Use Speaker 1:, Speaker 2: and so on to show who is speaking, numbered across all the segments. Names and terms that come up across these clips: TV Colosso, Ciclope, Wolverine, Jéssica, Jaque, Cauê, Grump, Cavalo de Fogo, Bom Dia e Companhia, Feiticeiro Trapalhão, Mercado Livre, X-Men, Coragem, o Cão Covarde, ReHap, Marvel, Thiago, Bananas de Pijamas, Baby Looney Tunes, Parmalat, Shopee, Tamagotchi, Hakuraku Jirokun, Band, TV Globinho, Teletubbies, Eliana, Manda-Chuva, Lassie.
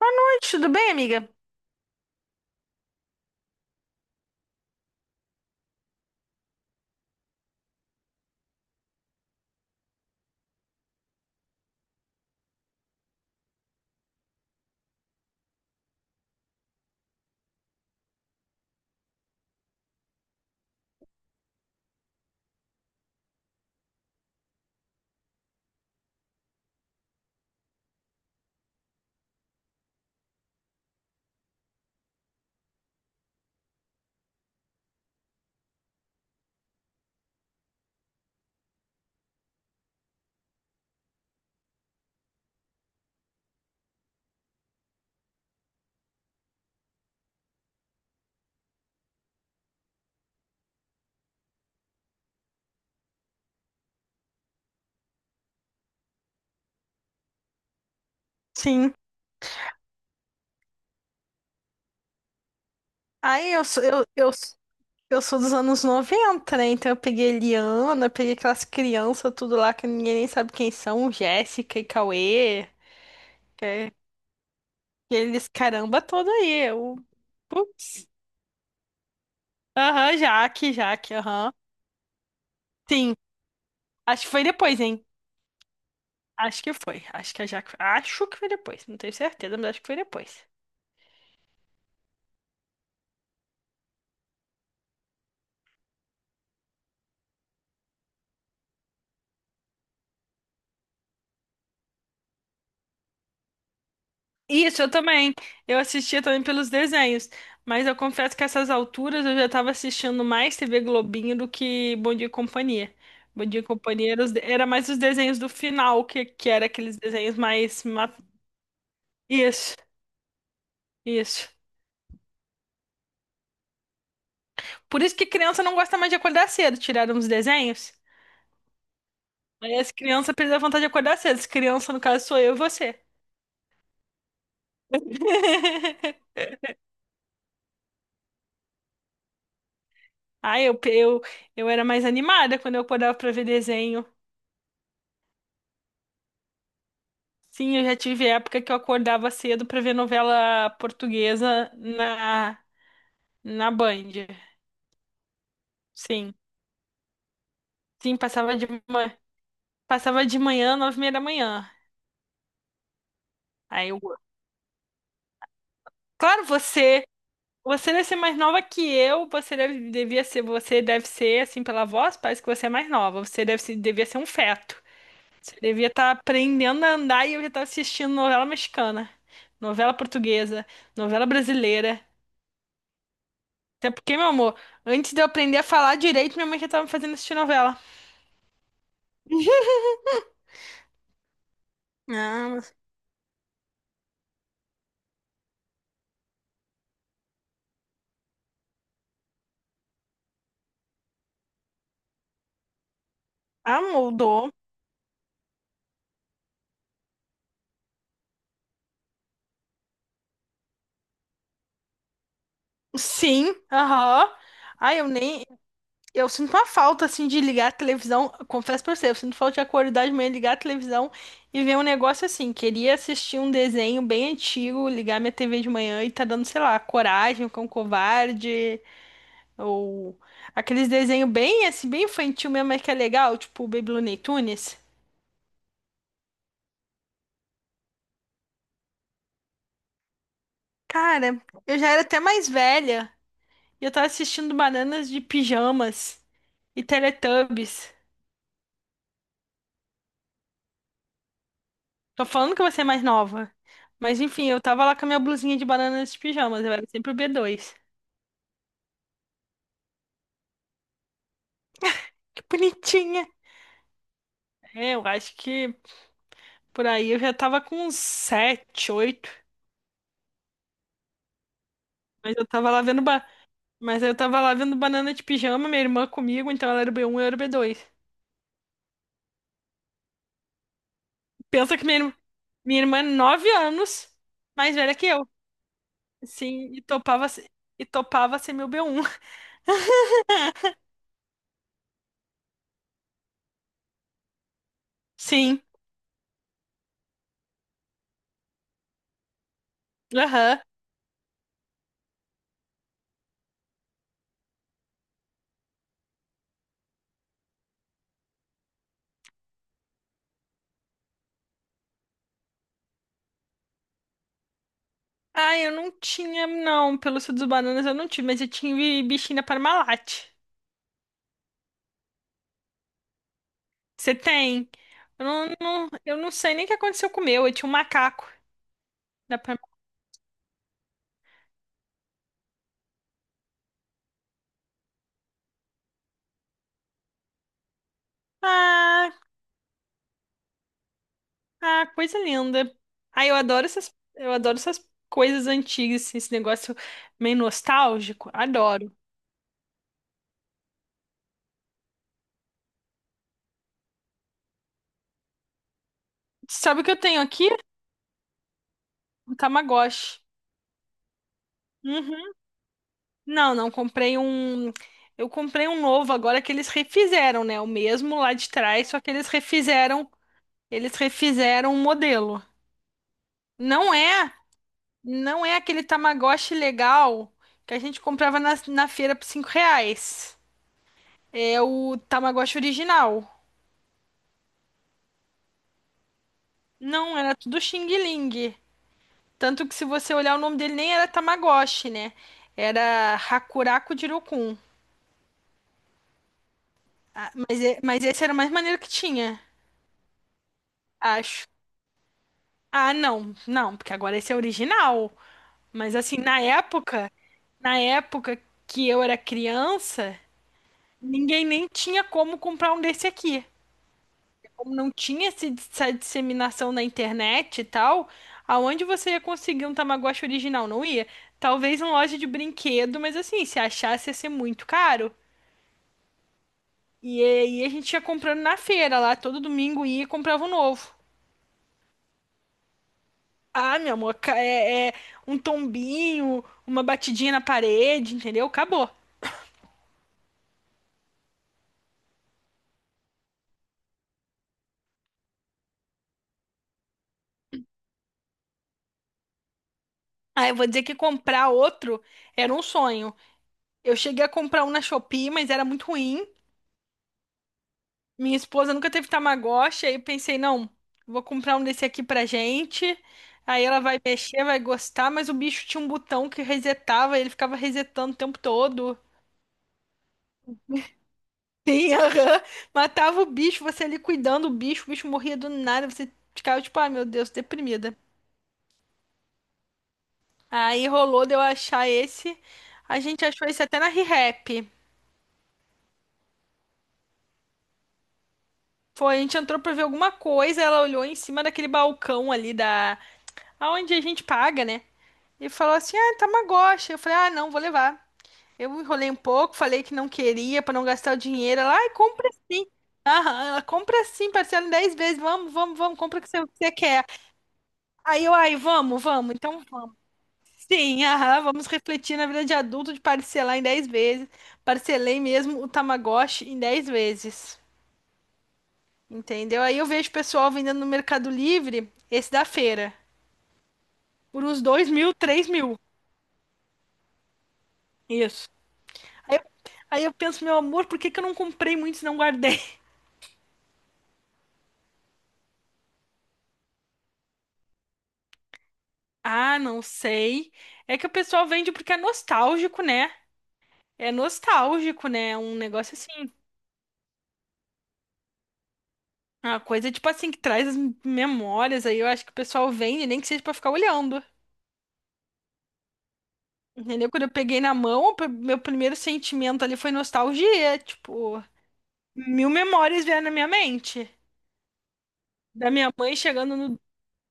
Speaker 1: Boa noite, tudo bem, amiga? Sim. Aí eu sou dos anos 90, né? Então eu peguei Eliana, peguei aquelas crianças tudo lá que ninguém nem sabe quem são, Jéssica e Cauê, que é- que eles caramba todo aí. Eu, putz. Aham, Jaque, Jaque, aham. Sim, acho que foi depois, hein? Acho que foi. Acho que a Jaque. Acho que foi depois. Não tenho certeza, mas acho que foi depois. Isso, eu também. Eu assistia também pelos desenhos. Mas eu confesso que essas alturas eu já tava assistindo mais TV Globinho do que Bom Dia e Companhia. Bom Dia e Companhia era, era mais os desenhos do final, que era aqueles desenhos mais. Isso, isso. Por isso que criança não gosta mais de acordar cedo. Tiraram os desenhos. Aí as crianças perdem a vontade de acordar cedo. As crianças, no caso, sou eu e você. Ah, eu era mais animada quando eu acordava pra ver desenho. Sim, eu já tive época que eu acordava cedo pra ver novela portuguesa na Band. Sim, sim, passava de manhã, 9h30 da manhã. Aí eu, claro, você deve ser mais nova que eu, você deve, devia ser, você deve ser, assim, pela voz, parece que você é mais nova, você deve ser, devia ser um feto. Você devia estar aprendendo a andar e eu já estava assistindo novela mexicana, novela portuguesa, novela brasileira. Até porque, meu amor, antes de eu aprender a falar direito, minha mãe já tava me fazendo assistir novela. Ah, mas- mudou. Sim, aham. Ah, eu nem. Eu sinto uma falta, assim, de ligar a televisão. Confesso pra você, eu sinto falta de acordar de manhã, ligar a televisão e ver um negócio assim. Queria assistir um desenho bem antigo, ligar minha TV de manhã e tá dando, sei lá, Coragem, o Cão Covarde, ou aqueles desenhos bem, assim, bem infantil mesmo, mas que é legal, tipo o Baby Looney Tunes. Cara, eu já era até mais velha e eu tava assistindo Bananas de Pijamas e Teletubbies. Tô falando que você é mais nova. Mas enfim, eu tava lá com a minha blusinha de bananas de pijamas, eu era sempre o B2. Que bonitinha! É, eu acho que por aí eu já tava com uns 7, 8. Mas eu tava lá vendo ba... Mas eu tava lá vendo banana de pijama, minha irmã comigo, então ela era o B1 e eu era o B2. Pensa que minha irmã é 9 anos mais velha que eu. Sim, e topava, se- e topava ser meu B1. Sim, aham. Ah, eu não tinha, não. Pelo suco dos bananas eu não tive, mas eu tive bichinha Parmalat. Você tem? Eu não sei nem o que aconteceu com o meu. Eu tinha um macaco da Parmalat. Ah, ah, coisa linda. Ah, eu adoro essas coisas antigas, assim, esse negócio meio nostálgico. Adoro. Sabe o que eu tenho aqui? Um Tamagotchi. Uhum. Não, não comprei um. Eu comprei um novo agora que eles refizeram, né? O mesmo lá de trás, só que eles refizeram o modelo. Não é, não é aquele Tamagotchi legal que a gente comprava na feira por R$ 5. É o Tamagotchi original. Não, era tudo Xing Ling. Tanto que se você olhar o nome dele nem era Tamagotchi, né? Era Hakuraku Jirokun. Ah, mas esse era o mais maneiro que tinha, acho. Ah, não, não, porque agora esse é original. Mas assim, na época que eu era criança, ninguém nem tinha como comprar um desse aqui. Como não tinha essa disseminação na internet e tal, aonde você ia conseguir um Tamagotchi original? Não ia? Talvez em loja de brinquedo, mas assim, se achasse ia ser muito caro. E aí a gente ia comprando na feira lá, todo domingo ia e comprava um novo. Ah, meu amor, é um tombinho, uma batidinha na parede, entendeu? Acabou. Ah, eu vou dizer que comprar outro era um sonho. Eu cheguei a comprar um na Shopee, mas era muito ruim. Minha esposa nunca teve Tamagotchi, aí eu pensei, não, vou comprar um desse aqui pra gente. Aí ela vai mexer, vai gostar, mas o bicho tinha um botão que resetava, ele ficava resetando o tempo todo. Sim, aham. Matava o bicho, você ali cuidando do bicho, o bicho morria do nada, você ficava tipo, ai meu Deus, deprimida. Aí rolou de eu achar esse. A gente achou esse até na ReHap. Foi, a gente entrou pra ver alguma coisa, ela olhou em cima daquele balcão ali da... Aonde a gente paga, né? E falou assim, ah, Tamagotchi. Eu falei, ah, não, vou levar. Eu enrolei um pouco, falei que não queria pra não gastar o dinheiro. Ela, ai, compra sim. Aham, ela compra sim, parcela em 10 vezes. Vamos, vamos, vamos, compra o que você quer. Aí eu, ai, vamos, vamos. Então vamos. Sim, aham, vamos refletir na vida de adulto de parcelar em 10 vezes. Parcelei mesmo o Tamagotchi em 10 vezes. Entendeu? Aí eu vejo o pessoal vendendo no Mercado Livre, esse da feira, por uns 2 mil, 3 mil. Isso. Aí, eu- aí eu penso, meu amor, por que que eu não comprei muito e não guardei? Ah, não sei. É que o pessoal vende porque é nostálgico, né? É nostálgico, né? Um negócio assim. Uma coisa tipo assim que traz as memórias aí. Eu acho que o pessoal vende, nem que seja pra ficar olhando. Entendeu? Quando eu peguei na mão, meu primeiro sentimento ali foi nostalgia, tipo, mil memórias vieram na minha mente. Da minha mãe chegando no,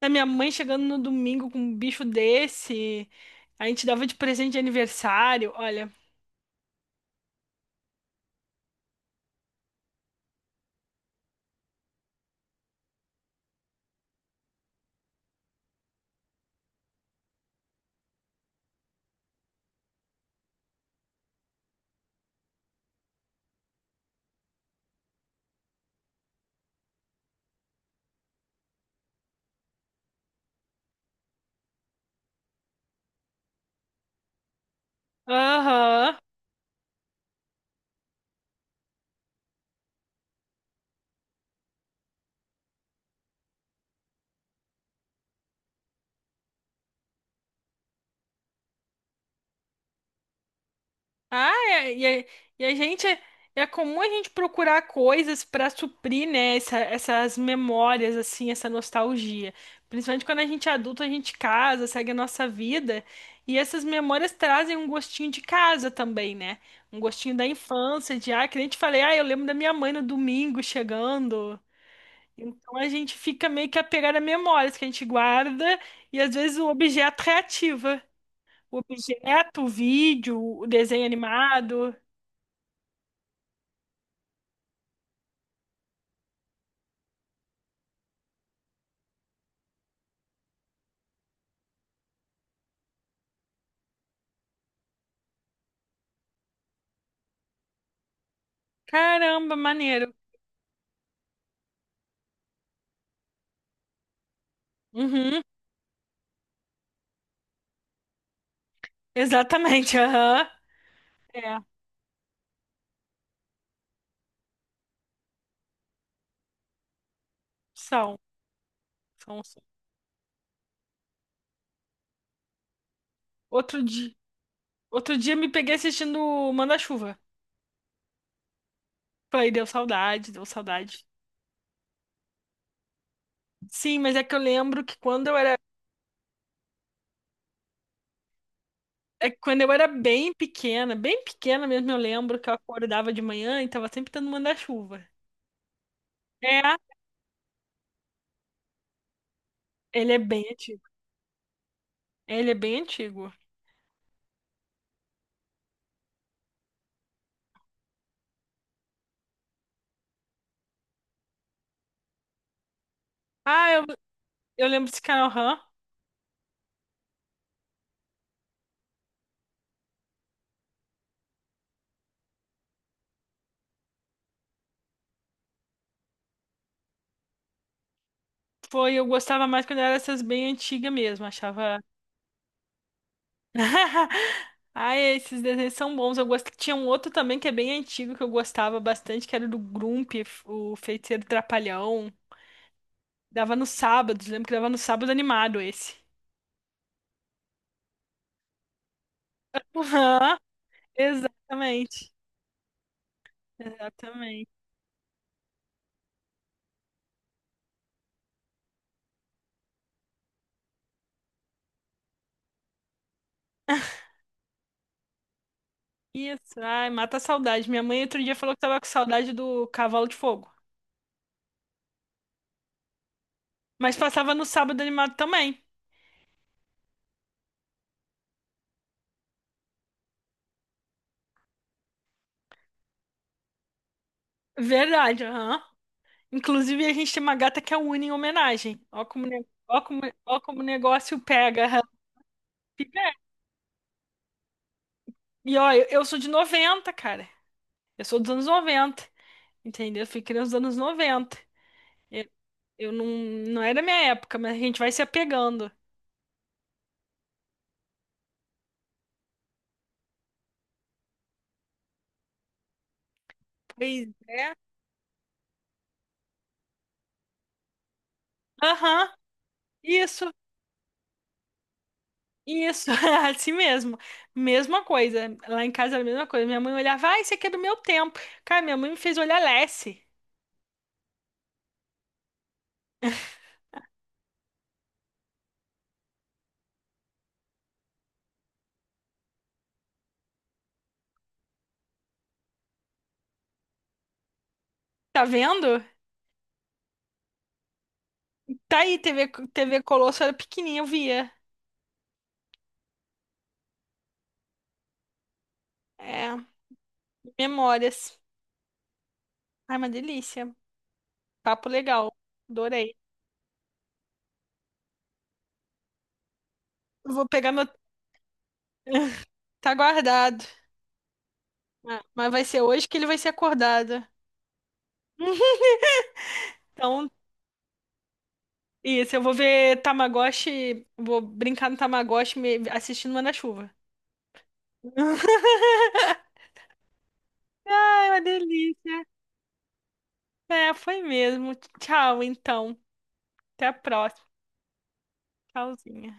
Speaker 1: da minha mãe chegando no domingo com um bicho desse. A gente dava de presente de aniversário, olha. Aham. Ah, é- e, a e a gente é comum a gente procurar coisas para suprir, né, essas memórias assim, essa nostalgia. Principalmente quando a gente é adulto, a gente casa, segue a nossa vida, e essas memórias trazem um gostinho de casa também, né? Um gostinho da infância, de ah, que nem te falei, ah, eu lembro da minha mãe no domingo chegando. Então a gente fica meio que apegado a memórias que a gente guarda e às vezes o objeto reativa. O objeto, o vídeo, o desenho animado. Caramba, maneiro. Uhum, exatamente. Aham. É, são, são, são. Outro dia, outro dia me peguei assistindo Manda-Chuva. Falei, deu saudade, deu saudade. Sim, mas é que eu lembro que quando eu era bem pequena mesmo, eu lembro que eu acordava de manhã e tava sempre tendo Manda-Chuva. É, ele é bem antigo. Ele é bem antigo. Ah, eu lembro desse canal, aham. Foi, eu gostava mais quando era essas bem antigas mesmo, achava. Ai, esses desenhos são bons. Eu gosto... Tinha um outro também que é bem antigo que eu gostava bastante, que era do Grump, o Feiticeiro Trapalhão. Dava nos sábados, lembro que dava no sábado animado esse. Aham, exatamente. Exatamente. Isso, ai, mata a saudade. Minha mãe outro dia falou que tava com saudade do Cavalo de Fogo. Mas passava no sábado animado também. Verdade, aham. Inclusive, a gente tem uma gata que é a Uni em homenagem. Ó como, ne- ó como, Ó como o negócio pega. Aham. E ó, eu sou de 90 cara. Eu sou dos anos noventa, entendeu? Eu fui criança dos anos 90. Eu, eu não, não é da minha época, mas a gente vai se apegando. Pois é. Aham, isso, isso, assim mesmo. Mesma coisa. Lá em casa era a mesma coisa. Minha mãe olhava, ai, isso aqui é do meu tempo. Cara, minha mãe me fez olhar Lassie. Tá vendo? Tá aí, TV Colosso era pequenininha, eu via. É, memórias. Ai, uma delícia. Papo legal. Adorei. Eu vou pegar meu. Tá guardado. Ah, mas vai ser hoje que ele vai ser acordado. Então, isso, eu vou ver Tamagotchi, vou brincar no Tamagotchi assistindo Manda-Chuva. Ai, uma delícia. É, foi mesmo. Tchau, então. Até a próxima. Tchauzinho.